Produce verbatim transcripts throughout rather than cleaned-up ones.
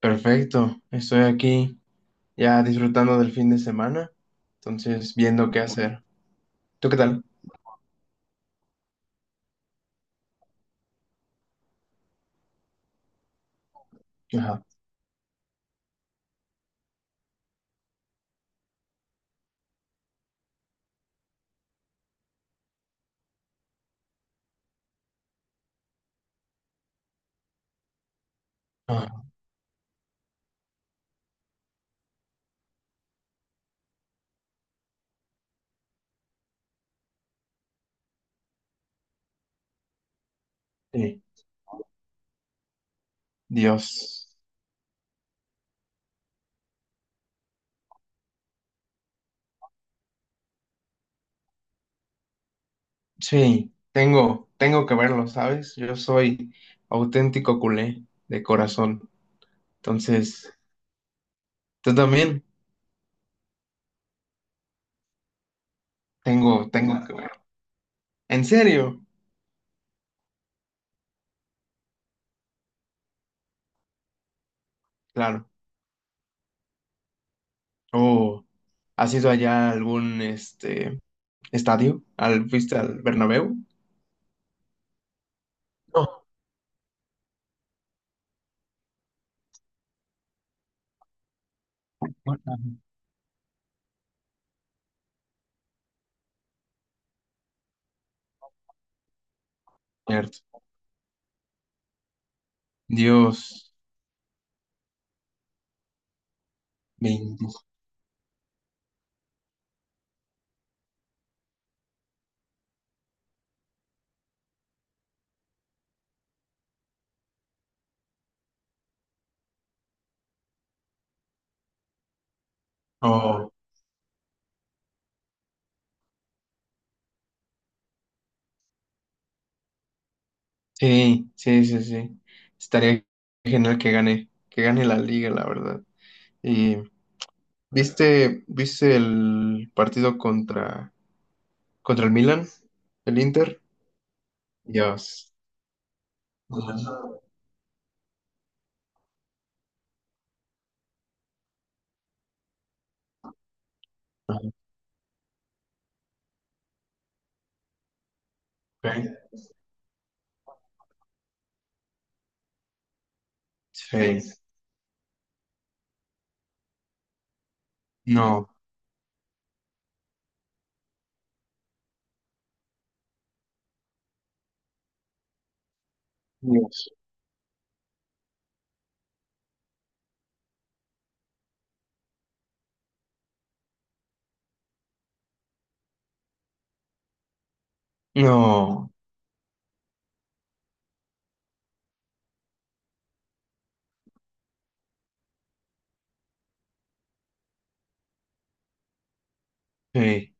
Perfecto, estoy aquí ya disfrutando del fin de semana, entonces viendo qué hacer. ¿Tú qué tal? Ajá. Ah, sí, Dios. Sí, tengo, tengo que verlo, ¿sabes? Yo soy auténtico culé de corazón, entonces tú también tengo, tengo que verlo. ¿En serio? Claro. Oh, ¿has ido allá a algún este estadio? ¿Al, fuiste al Bernabéu? No, bueno. Cierto. Dios, bendito. Oh. Sí, sí, sí, sí. Estaría genial que gane, que gane la liga, la verdad. Y ¿viste, viste el partido contra, contra el Milan? ¿El Inter? Dios. Ajá. Ok. Sí. No. Dios. No. Sí.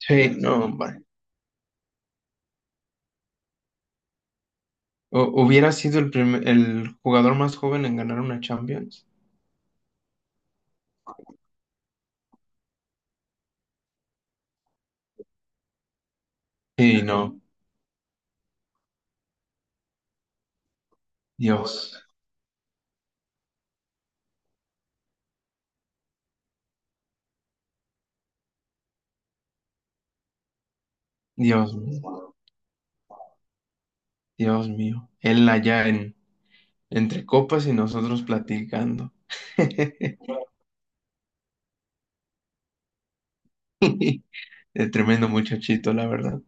Sí, no, hombre. Hu- ¿Hubiera sido el primer- el jugador más joven en ganar una Champions? Sí, no. Dios. Dios mío. Dios mío. Él allá en entre copas y nosotros platicando. El tremendo muchachito, la verdad.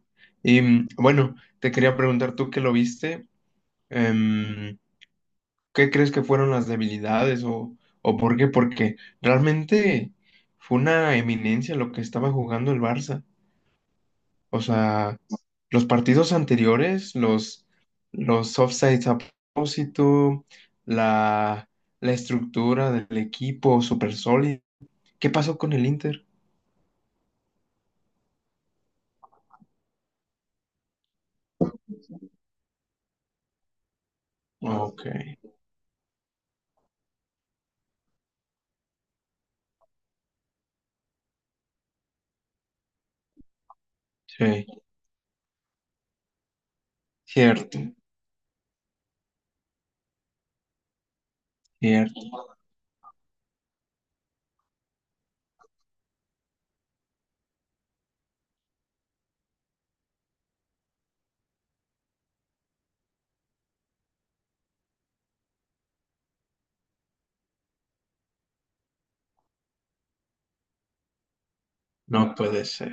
Y mm, bueno, te quería preguntar tú que lo viste, em, ¿qué crees que fueron las debilidades o, o por qué? Porque realmente fue una eminencia lo que estaba jugando el Barça. O sea, los partidos anteriores, los, los offsides a propósito, la, la estructura del equipo súper sólida. ¿Qué pasó con el Inter? Ok, sí, cierto, cierto, no puede ser.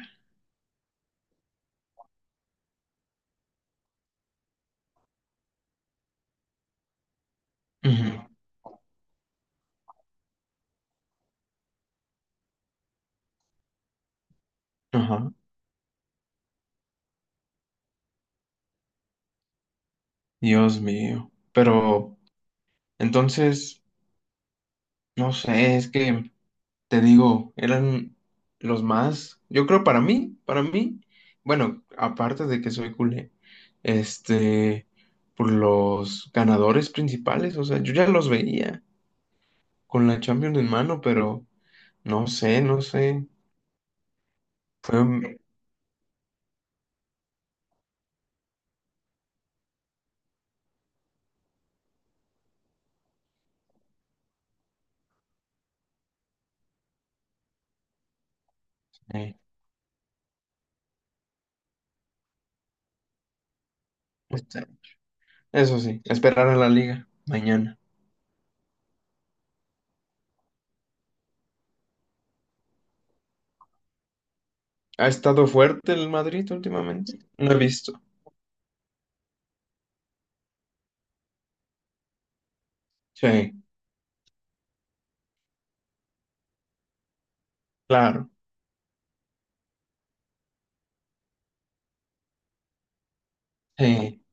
Ujú. Ajá. Dios mío. Pero entonces, no sé, es que te digo, eran los más, yo creo para mí, para mí, bueno, aparte de que soy culé, este, por los ganadores principales, o sea, yo ya los veía con la Champions en mano, pero no sé, no sé, fue, un- eh, este, eso sí, esperar a la liga mañana. ¿Ha estado fuerte el Madrid últimamente? No he visto. Sí, claro. Sí,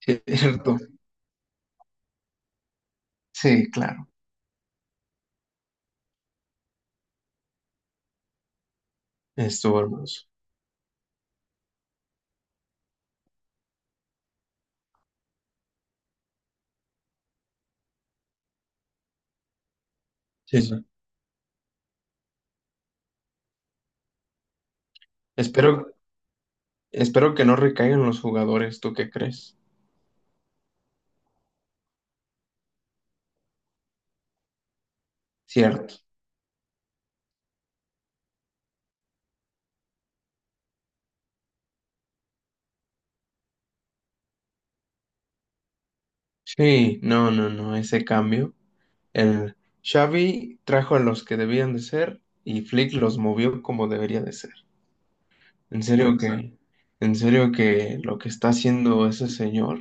sí, es cierto. Sí, claro. Estuvo hermoso. Sí, sí. Espero, espero que no recaigan los jugadores, ¿tú qué crees? Cierto. Sí, no, no, no, ese cambio. El Xavi trajo a los que debían de ser y Flick los movió como debería de ser. En serio que, en serio que lo que está haciendo ese señor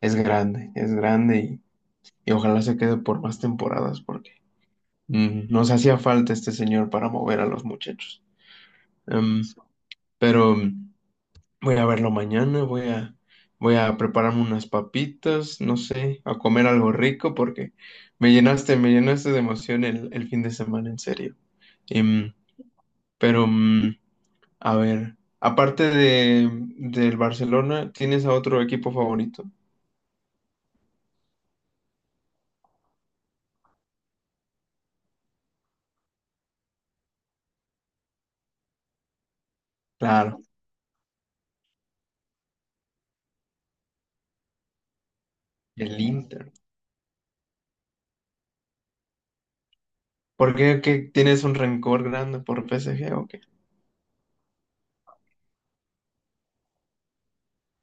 es grande, es grande y, y ojalá se quede por más temporadas porque Mm, nos hacía falta este señor para mover a los muchachos. Em, pero mm, voy a verlo mañana, voy a, voy a prepararme unas papitas, no sé, a comer algo rico porque me llenaste, me llenaste de emoción el, el fin de semana, en serio. Em, pero, mm, a ver, aparte de, mm, del Barcelona, ¿tienes a otro equipo favorito? Claro, el Inter. ¿Por qué, qué tienes un rencor grande por P S G o qué?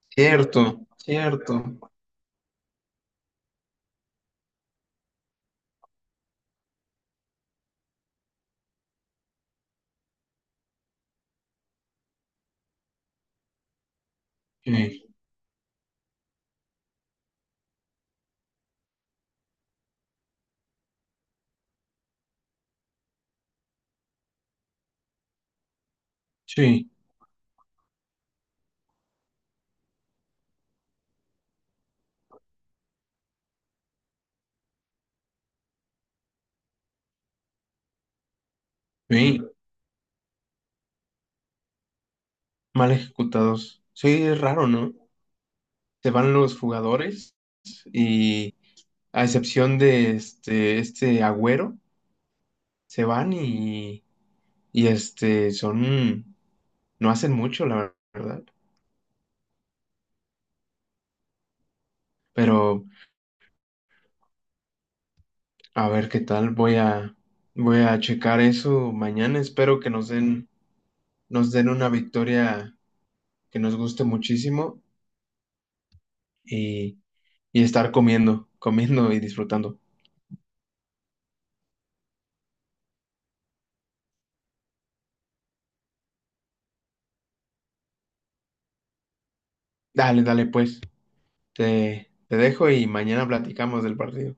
Cierto, cierto. Sí. Sí, sí, mal ejecutados. Sí, es raro, ¿no? Se van los jugadores y a excepción de este, este Agüero, se van y, y este son, no hacen mucho, la verdad. Pero a ver qué tal, voy a, voy a checar eso mañana. Espero que nos den, nos den una victoria que nos guste muchísimo y, y estar comiendo, comiendo y disfrutando. Dale, dale, pues. Te, te dejo y mañana platicamos del partido.